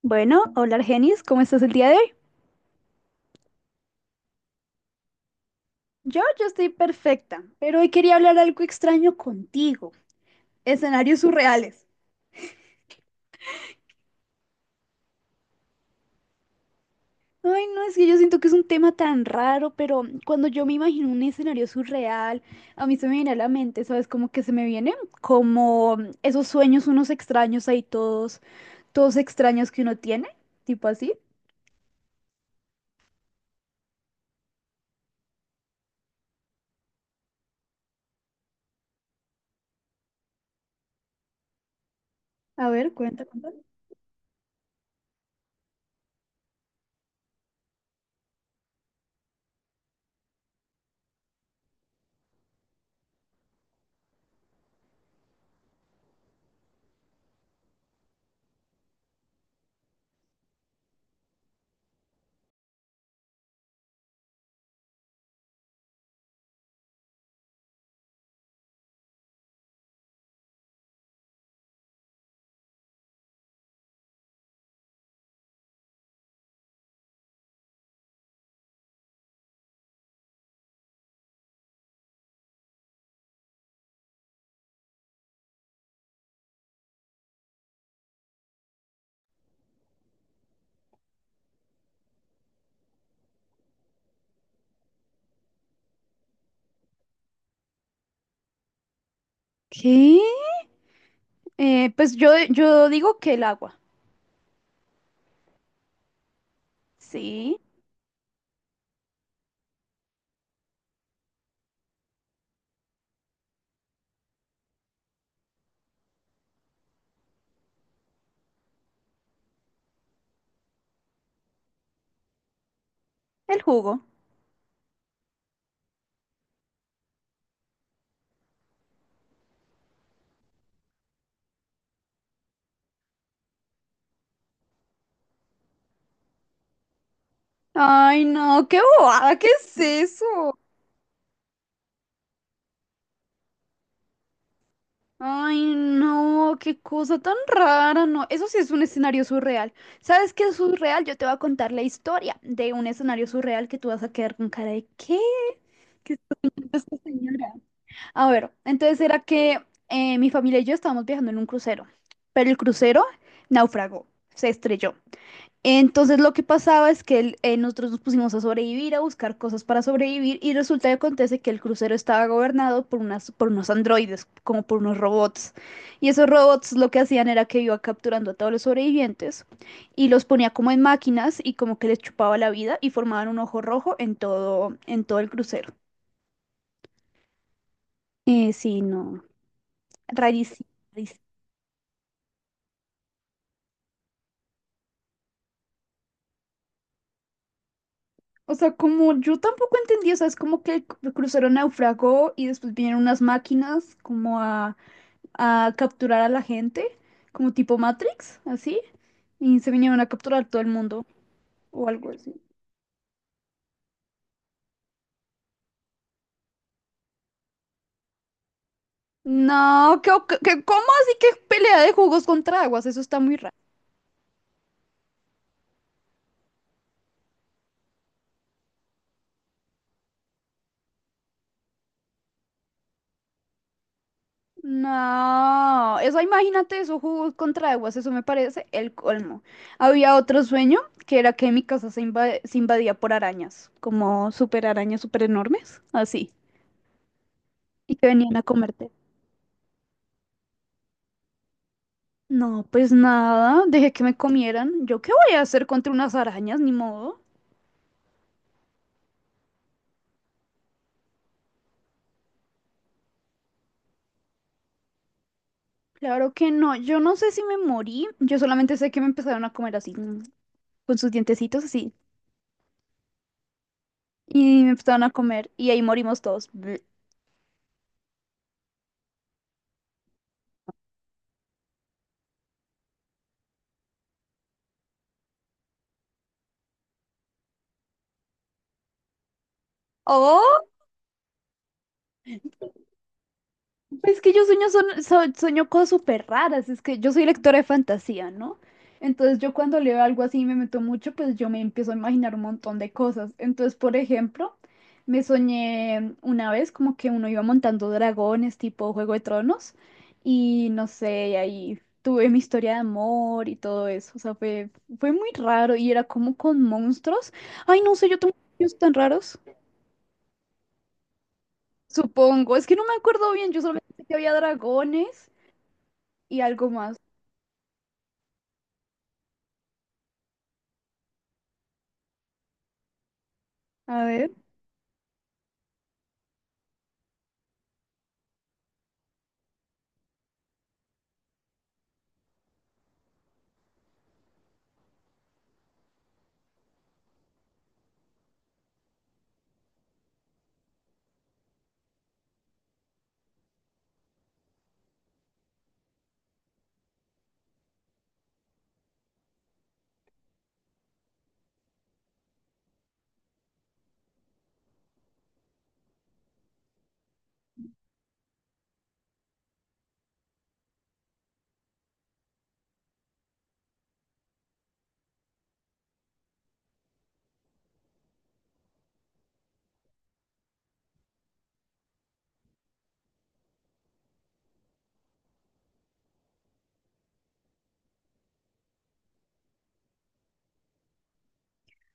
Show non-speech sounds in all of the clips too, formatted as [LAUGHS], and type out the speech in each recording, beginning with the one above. Bueno, hola Argenis, ¿cómo estás el día de hoy? Yo estoy perfecta, pero hoy quería hablar algo extraño contigo. Escenarios surreales. Ay, no, es que yo siento que es un tema tan raro, pero cuando yo me imagino un escenario surreal, a mí se me viene a la mente, ¿sabes? Como que se me vienen como esos sueños unos extraños ahí todos, todos extraños que uno tiene, tipo así. A ver, cuenta, cuenta. ¿Qué? Pues yo digo que el agua, sí, el jugo. Ay, no, qué bobada, ¿qué es eso? Ay, no, qué cosa tan rara, no. Eso sí es un escenario surreal. ¿Sabes qué es surreal? Yo te voy a contar la historia de un escenario surreal que tú vas a quedar con cara de ¿qué? ¿Qué está haciendo esta señora? A ver, entonces era que mi familia y yo estábamos viajando en un crucero, pero el crucero naufragó, se estrelló. Entonces lo que pasaba es que nosotros nos pusimos a sobrevivir, a buscar cosas para sobrevivir y resulta que acontece que el crucero estaba gobernado por unas, por unos androides, como por unos robots. Y esos robots lo que hacían era que iba capturando a todos los sobrevivientes y los ponía como en máquinas y como que les chupaba la vida y formaban un ojo rojo en todo el crucero. Sí, no, rarísimo, rarísimo. O sea, como yo tampoco entendí, o sea, es como que el crucero naufragó y después vinieron unas máquinas como a capturar a la gente, como tipo Matrix, así, y se vinieron a capturar todo el mundo o algo así. No, ¿qué, cómo así que pelea de jugos contra aguas? Eso está muy raro. No, eso imagínate eso, jugos contra aguas, eso me parece el colmo. Había otro sueño que era que mi casa se, se invadía por arañas, como super arañas super enormes, así, y que venían a comerte. No, pues nada, dejé que me comieran. ¿Yo qué voy a hacer contra unas arañas? Ni modo. Claro que no, yo no sé si me morí, yo solamente sé que me empezaron a comer así, con sus dientecitos así, y me empezaron a comer, y ahí morimos todos. ¡Oh! Es que yo sueño, sueño cosas súper raras, es que yo soy lectora de fantasía, ¿no? Entonces yo cuando leo algo así y me meto mucho, pues yo me empiezo a imaginar un montón de cosas. Entonces, por ejemplo, me soñé una vez como que uno iba montando dragones tipo Juego de Tronos y no sé, ahí tuve mi historia de amor y todo eso. O sea, fue, fue muy raro y era como con monstruos. Ay, no sé, yo tengo sueños tan raros. Supongo, es que no me acuerdo bien, yo solamente sé que había dragones y algo más. A ver.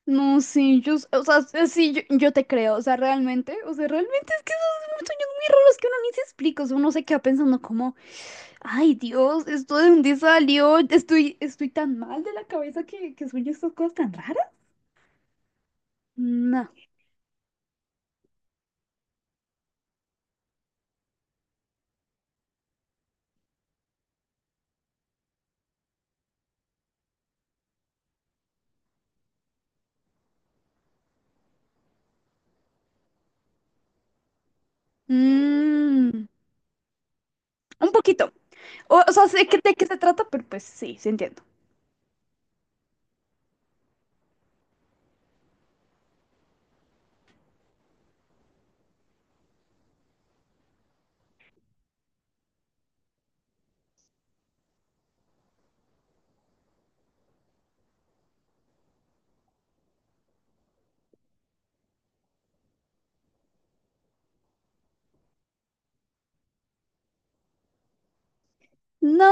No, sí, yo, o sea, sí, yo te creo, o sea, realmente es que esos son sueños muy raros que uno ni se explica, o sea, uno se queda pensando como, ay, Dios, esto de dónde salió, estoy tan mal de la cabeza que sueño estas cosas tan raras. No. Mm, un poquito. O sea, sé que, de qué se trata, pero pues sí, se entiende. No,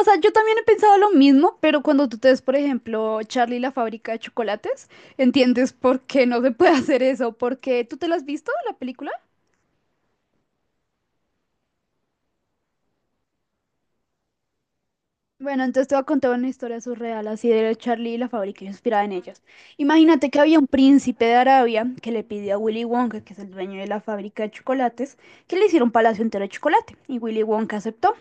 o sea, yo también he pensado lo mismo, pero cuando tú te ves, por ejemplo, Charlie y la fábrica de chocolates, entiendes por qué no se puede [LAUGHS] hacer eso, porque tú te lo has visto, la película. Bueno, entonces te voy a contar una historia surreal, así de Charlie y la fábrica inspirada en ellos. Imagínate que había un príncipe de Arabia que le pidió a Willy Wonka, que es el dueño de la fábrica de chocolates, que le hiciera un palacio entero de chocolate, y Willy Wonka aceptó.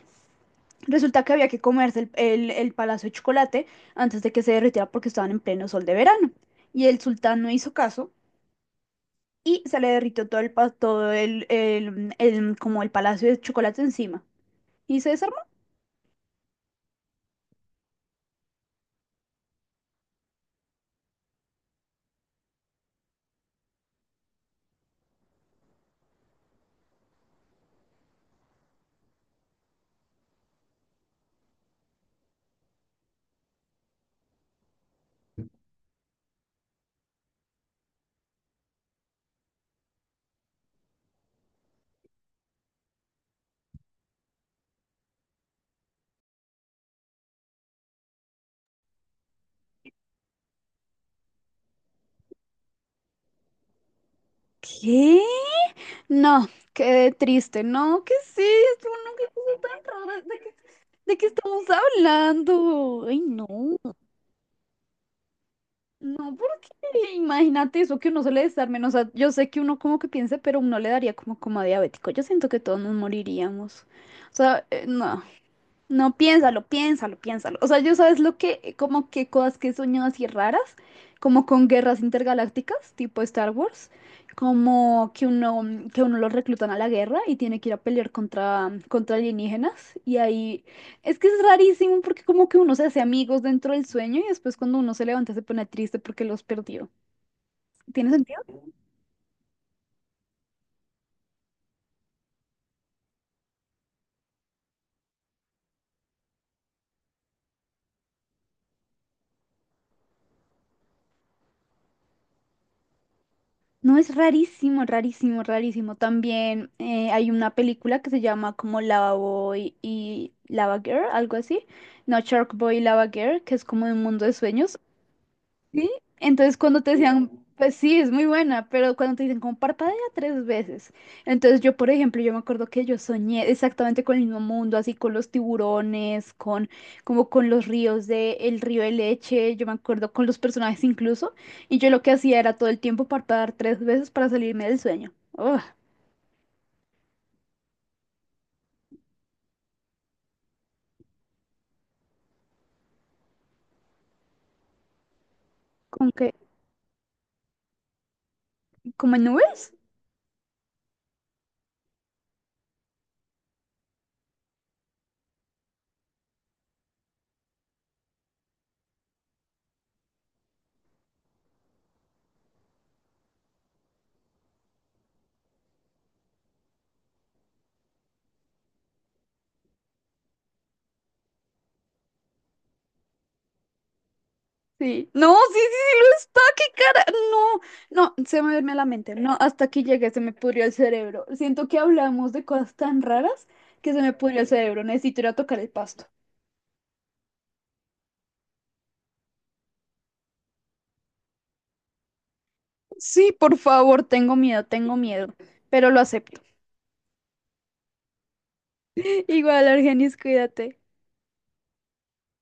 Resulta que había que comerse el palacio de chocolate antes de que se derritiera porque estaban en pleno sol de verano. Y el sultán no hizo caso y se le derritió todo todo como el palacio de chocolate encima. Y se desarmó. ¿Qué? No, qué triste. No, ¿qué es esto? No, qué cosa tan rara. De qué estamos hablando? Ay, no. No, porque imagínate eso que uno suele estar menos, yo sé que uno como que piense, pero uno le daría como como a diabético. Yo siento que todos nos moriríamos. O sea, no. No, piénsalo, piénsalo, piénsalo. O sea, yo sabes lo que, como que cosas que he soñado así raras, como con guerras intergalácticas, tipo Star Wars, como que uno, que uno lo reclutan a la guerra y tiene que ir a pelear contra, contra alienígenas. Y ahí, es que es rarísimo porque como que uno se hace amigos dentro del sueño y después cuando uno se levanta se pone triste porque los perdió. ¿Tiene sentido? No, es rarísimo, rarísimo, rarísimo. También hay una película que se llama como Lava Boy y Lava Girl, algo así. No, Shark Boy y Lava Girl, que es como de un mundo de sueños. ¿Sí? Entonces cuando te decían, pues sí, es muy buena, pero cuando te dicen como parpadea tres veces. Entonces yo, por ejemplo, yo me acuerdo que yo soñé exactamente con el mismo mundo, así con los tiburones, con como con los ríos de el río de leche, yo me acuerdo con los personajes incluso, y yo lo que hacía era todo el tiempo parpadear tres veces para salirme del sueño. Ugh, ¿con qué? ¿Como en nubes? Sí. No, sí, sí, sí lo está, qué cara. No, no, se me duerme la mente. No, hasta aquí llegué, se me pudrió el cerebro. Siento que hablamos de cosas tan raras que se me pudrió el cerebro. Necesito ir a tocar el pasto. Sí, por favor, tengo miedo, pero lo acepto. [LAUGHS] Igual, Argenis, cuídate.